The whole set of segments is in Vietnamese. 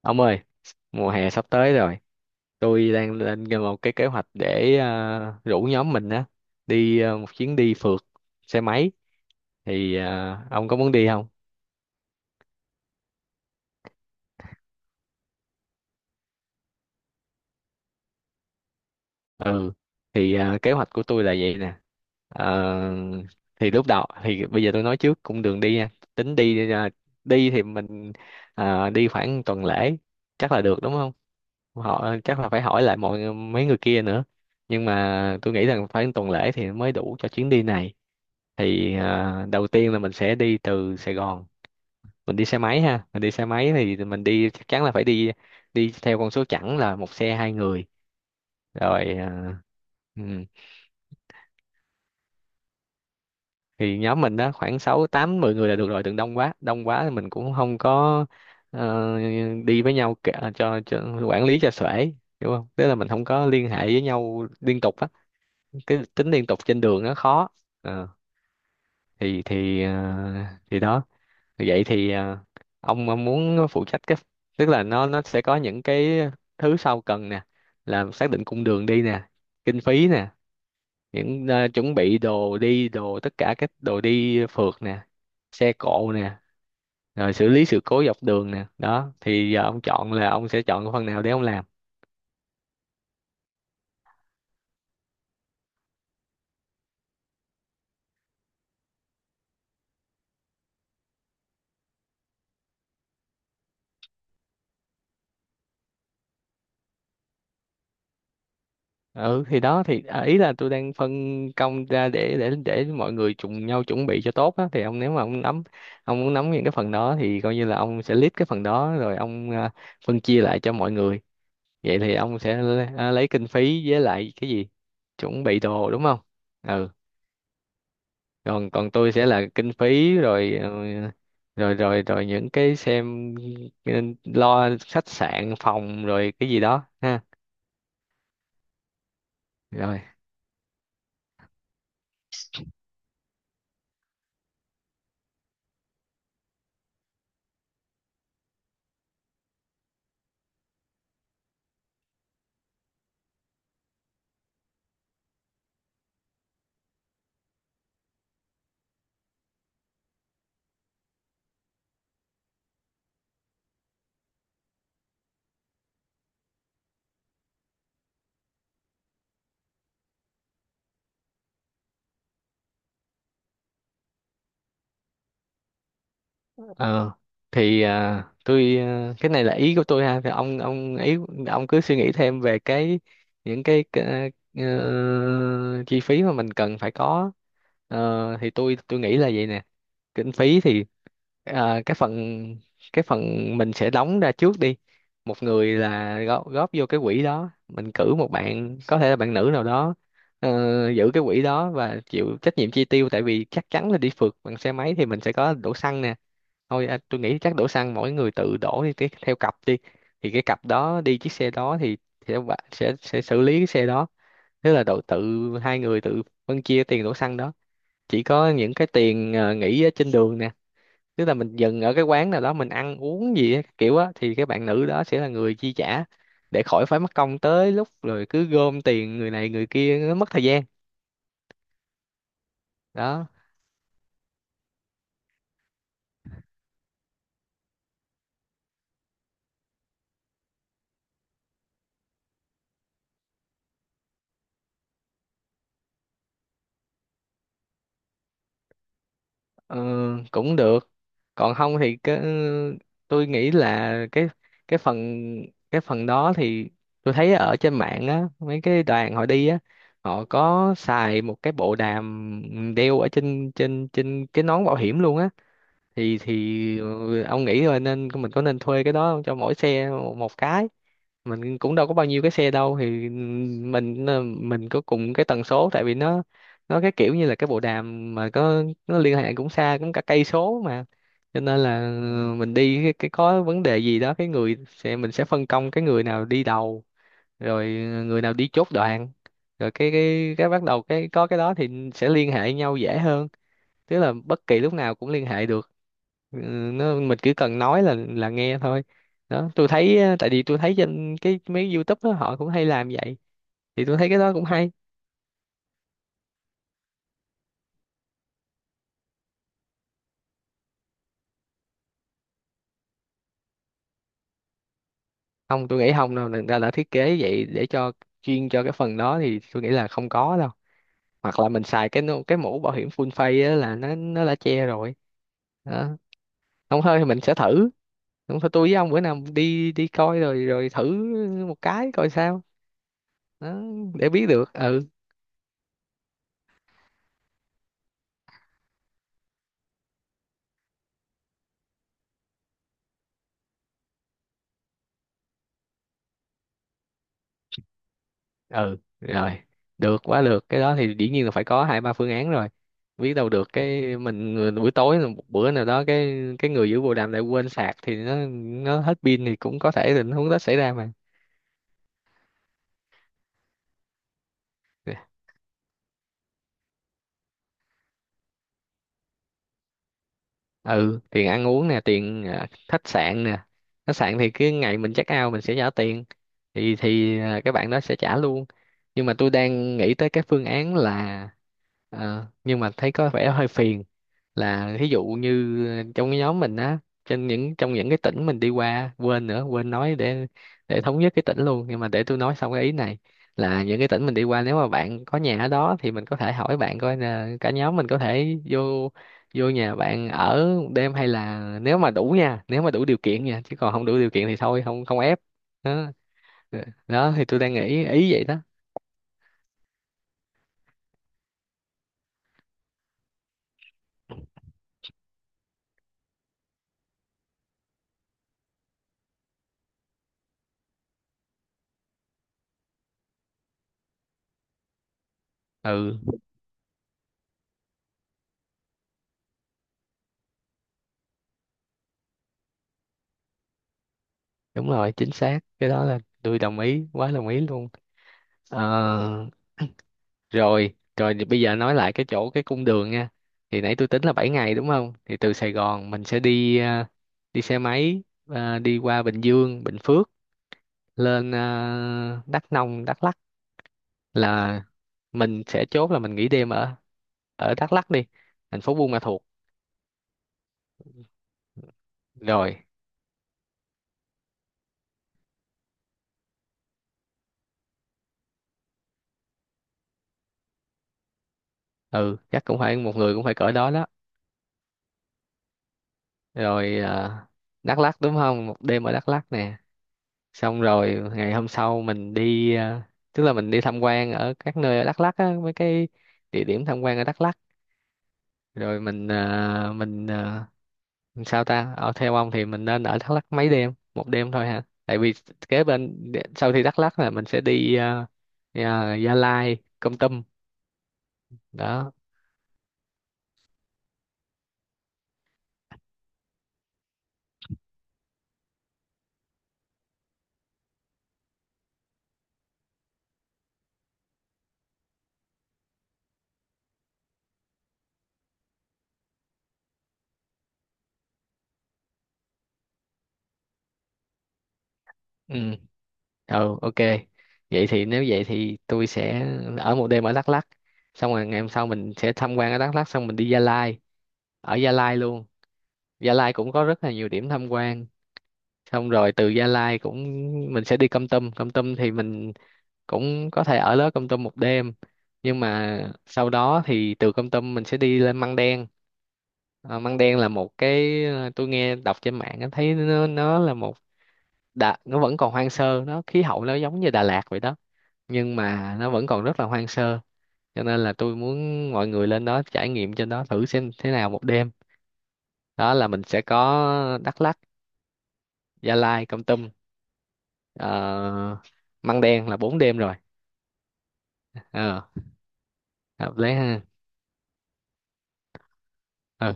Ông ơi, mùa hè sắp tới rồi. Tôi đang lên một cái kế hoạch để rủ nhóm mình á đi một chuyến đi phượt xe máy. Thì ông có muốn đi không? Ừ, thì kế hoạch của tôi là vậy nè. Ờ, thì lúc đầu thì bây giờ tôi nói trước cũng đường đi nha. Tính đi đi thì mình đi khoảng tuần lễ, chắc là được đúng không? Họ chắc là phải hỏi lại mọi mấy người kia nữa, nhưng mà tôi nghĩ rằng phải tuần lễ thì mới đủ cho chuyến đi này. Thì đầu tiên là mình sẽ đi từ Sài Gòn, mình đi xe máy ha, mình đi xe máy thì mình đi chắc chắn là phải đi, đi theo con số chẵn là một xe hai người. Rồi ừ. Thì nhóm mình đó khoảng sáu tám 10 người là được rồi, đừng đông quá, đông quá thì mình cũng không có ờ, đi với nhau cả, cho quản lý cho xuể, hiểu không? Tức là mình không có liên hệ với nhau liên tục á, cái tính liên tục trên đường nó khó. Ờ, thì thì ờ, thì đó, vậy thì ông muốn phụ trách cái, tức là nó sẽ có những cái thứ sau cần nè: là xác định cung đường đi nè, kinh phí nè, những chuẩn bị đồ đi đồ, tất cả các đồ đi phượt nè, xe cộ nè, rồi xử lý sự cố dọc đường nè. Đó thì giờ ông chọn là ông sẽ chọn cái phần nào để ông làm. Ừ, thì đó thì ý là tôi đang phân công ra để mọi người cùng nhau chuẩn bị cho tốt á. Thì ông, nếu mà ông nắm, ông muốn nắm những cái phần đó thì coi như là ông sẽ lead cái phần đó, rồi ông phân chia lại cho mọi người. Vậy thì ông sẽ lấy kinh phí với lại cái gì, chuẩn bị đồ đúng không? Ừ, còn còn tôi sẽ là kinh phí, rồi rồi những cái xem, ừ, lo khách sạn phòng rồi cái gì đó ha. Rồi. Ờ, thì tôi, cái này là ý của tôi ha, thì ông ý, ông cứ suy nghĩ thêm về cái những cái chi phí mà mình cần phải có. Thì tôi nghĩ là vậy nè. Kinh phí thì à, cái phần cái phần mình sẽ đóng ra trước đi, một người là góp vô cái quỹ đó, mình cử một bạn có thể là bạn nữ nào đó giữ cái quỹ đó và chịu trách nhiệm chi tiêu. Tại vì chắc chắn là đi phượt bằng xe máy thì mình sẽ có đổ xăng nè, thôi tôi nghĩ chắc đổ xăng mỗi người tự đổ đi, cái theo cặp đi, thì cái cặp đó đi chiếc xe đó thì sẽ sẽ xử lý cái xe đó, tức là đổ tự, hai người tự phân chia tiền đổ xăng đó. Chỉ có những cái tiền nghỉ ở trên đường nè, tức là mình dừng ở cái quán nào đó mình ăn uống gì á, kiểu á, thì cái bạn nữ đó sẽ là người chi trả, để khỏi phải mất công tới lúc rồi cứ gom tiền người này người kia, nó mất thời gian. Đó. Ờ, Cũng được. Còn không thì cái, tôi nghĩ là cái phần cái phần đó thì tôi thấy ở trên mạng á, mấy cái đoàn họ đi á, họ có xài một cái bộ đàm đeo ở trên trên trên cái nón bảo hiểm luôn á. Ông nghĩ thôi, nên mình có nên thuê cái đó không? Cho mỗi xe một một cái. Mình cũng đâu có bao nhiêu cái xe đâu, thì ừ, mình có cùng cái tần số, tại vì nó cái kiểu như là cái bộ đàm mà có, nó liên hệ cũng xa, cũng cả cây số mà. Cho nên là ừ, mình đi cái có vấn đề gì đó, cái người sẽ, mình sẽ phân công cái người nào đi đầu, rồi ừ, người nào đi chốt đoạn, rồi cái bắt đầu cái có cái đó thì sẽ liên hệ nhau dễ hơn, tức là bất kỳ lúc nào cũng liên hệ được. Ừ, nó mình chỉ cần nói là nghe thôi. Đó tôi thấy tại vì tôi thấy trên cái mấy YouTube đó họ cũng hay làm vậy, thì tôi thấy cái đó cũng hay. Không, tôi nghĩ không đâu, người ta đã thiết kế vậy để cho, chuyên cho cái phần đó thì tôi nghĩ là không có đâu. Hoặc là mình xài cái cái mũ bảo hiểm full face á là nó đã che rồi. Đó. Không thôi thì mình sẽ thử, không thôi tôi với ông bữa nào đi đi coi, rồi rồi thử một cái coi sao. Đó, để biết được. Ừ, ừ, rồi, được quá. Được cái đó thì dĩ nhiên là phải có hai ba phương án rồi, biết đâu được cái mình buổi tối là một bữa nào đó cái người giữ bồ đàm lại quên sạc thì nó hết pin, thì cũng có thể tình huống đó xảy ra mà. Ừ, tiền ăn uống nè, tiền khách sạn nè. Khách sạn thì cái ngày mình check out mình sẽ trả tiền, thì các bạn đó sẽ trả luôn. Nhưng mà tôi đang nghĩ tới cái phương án là nhưng mà thấy có vẻ hơi phiền, là thí dụ như trong cái nhóm mình á, trên những trong những cái tỉnh mình đi qua, quên nữa quên nói, để thống nhất cái tỉnh luôn, nhưng mà để tôi nói xong cái ý này. Là những cái tỉnh mình đi qua, nếu mà bạn có nhà ở đó thì mình có thể hỏi bạn coi là cả nhóm mình có thể vô, vô nhà bạn ở một đêm, hay là nếu mà đủ nha, nếu mà đủ điều kiện nha, chứ còn không đủ điều kiện thì thôi, không, không ép. Đó. Đó thì tôi đang nghĩ ý vậy đó. Ừ, đúng rồi chính xác, cái đó là tôi đồng ý quá đồng ý luôn. Ờ Rồi, rồi thì bây giờ nói lại cái chỗ cái cung đường nha. Thì nãy tôi tính là 7 ngày đúng không? Thì từ Sài Gòn mình sẽ đi, đi xe máy đi qua Bình Dương, Bình Phước, lên Đắk Nông, Đắk Lắk, là mình sẽ chốt là mình nghỉ đêm ở ở Đắk Lắk đi, thành phố Buôn Ma Thuột. Rồi, ừ, chắc cũng phải một người cũng phải cỡ đó đó. Rồi Đắk Lắk đúng không? Một đêm ở Đắk Lắk nè. Xong rồi ngày hôm sau mình đi tức là mình đi tham quan ở các nơi ở Đắk Lắk á, mấy cái địa điểm tham quan ở Đắk Lắk. Rồi mình sao ta, ở theo ông thì mình nên ở Đắk Lắk mấy đêm, một đêm thôi hả, tại vì kế bên sau khi Đắk Lắk là mình sẽ đi Gia Lai, Kon Tum. Đó. Ừ, ừ, ok. vậy thì Nếu vậy thì tôi sẽ ở một đêm ở Đắk Lắk, xong rồi ngày hôm sau mình sẽ tham quan ở Đắk Lắk xong mình đi Gia Lai, ở Gia Lai luôn. Gia Lai cũng có rất là nhiều điểm tham quan, xong rồi từ Gia Lai cũng mình sẽ đi Kon Tum. Kon Tum thì mình cũng có thể ở đó Kon Tum một đêm, nhưng mà sau đó thì từ Kon Tum mình sẽ đi lên Măng Đen. Măng Đen là một cái tôi nghe đọc trên mạng á, thấy nó là một, nó vẫn còn hoang sơ, nó khí hậu nó giống như Đà Lạt vậy đó, nhưng mà nó vẫn còn rất là hoang sơ. Cho nên là tôi muốn mọi người lên đó trải nghiệm, trên đó thử xem thế nào, một đêm. Đó là mình sẽ có Đắk Lắk, Gia Lai, Kon Tum, ờ, măng đen là 4 đêm rồi. ờ Hợp lý ha. Ừ,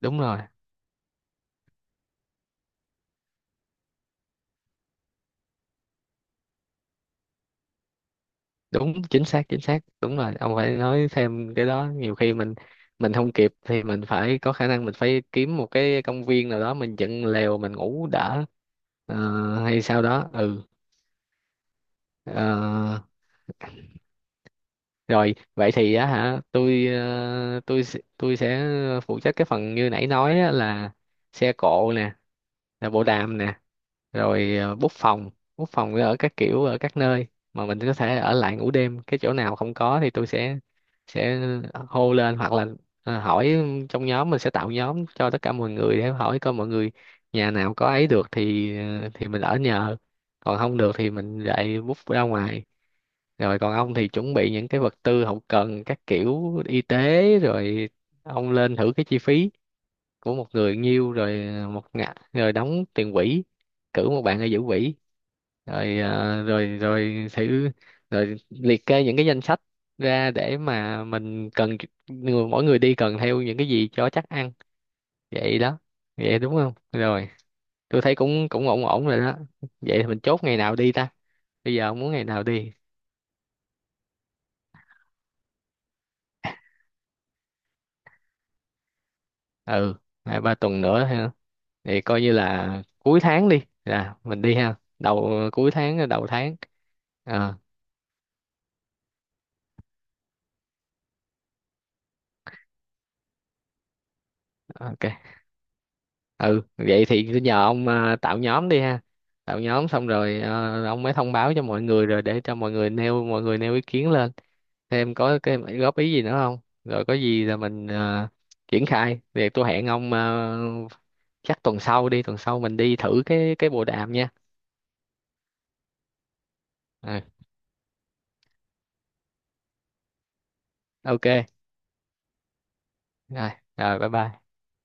đúng rồi, đúng chính xác, chính xác, đúng rồi. Ông phải nói thêm cái đó, nhiều khi mình không kịp thì mình phải có khả năng, mình phải kiếm một cái công viên nào đó mình dựng lều mình ngủ đỡ. Hay sao đó. Ừ. Ờ, Rồi, vậy thì á hả, tôi tôi sẽ phụ trách cái phần như nãy nói á, là xe cộ nè, là bộ đàm nè, rồi bút phòng ở các kiểu, ở các nơi mà mình có thể ở lại ngủ đêm. Cái chỗ nào không có thì tôi sẽ hô lên, hoặc là hỏi trong nhóm. Mình sẽ tạo nhóm cho tất cả mọi người để hỏi coi mọi người nhà nào có ấy được thì thì mình ở nhờ, còn không được thì mình lại bút ra ngoài. Rồi còn ông thì chuẩn bị những cái vật tư hậu cần các kiểu y tế, rồi ông lên thử cái chi phí của một người nhiêu, rồi một ngã, rồi đóng tiền quỹ, cử một bạn ở giữ quỹ, rồi rồi rồi thử, rồi liệt kê những cái danh sách ra để mà mình cần, mỗi người đi cần theo những cái gì cho chắc ăn. Vậy đó, vậy đúng không, rồi tôi thấy cũng cũng ổn ổn rồi đó. Vậy thì mình chốt ngày nào đi ta, bây giờ ông muốn ngày nào đi? Ừ, hai ba tuần nữa ha. Thì coi như là cuối tháng đi, là mình đi ha, đầu cuối tháng, đầu tháng. Ờ, ok. Ừ, vậy thì cứ nhờ ông tạo nhóm đi ha, tạo nhóm xong rồi ông mới thông báo cho mọi người, rồi để cho mọi người nêu, mọi người nêu ý kiến lên thêm, có cái góp ý gì nữa không. Rồi có gì là mình triển khai. Thì tôi hẹn ông chắc tuần sau đi, tuần sau mình đi thử cái bộ đàm nha. Ừ, ok, rồi rồi, bye bye.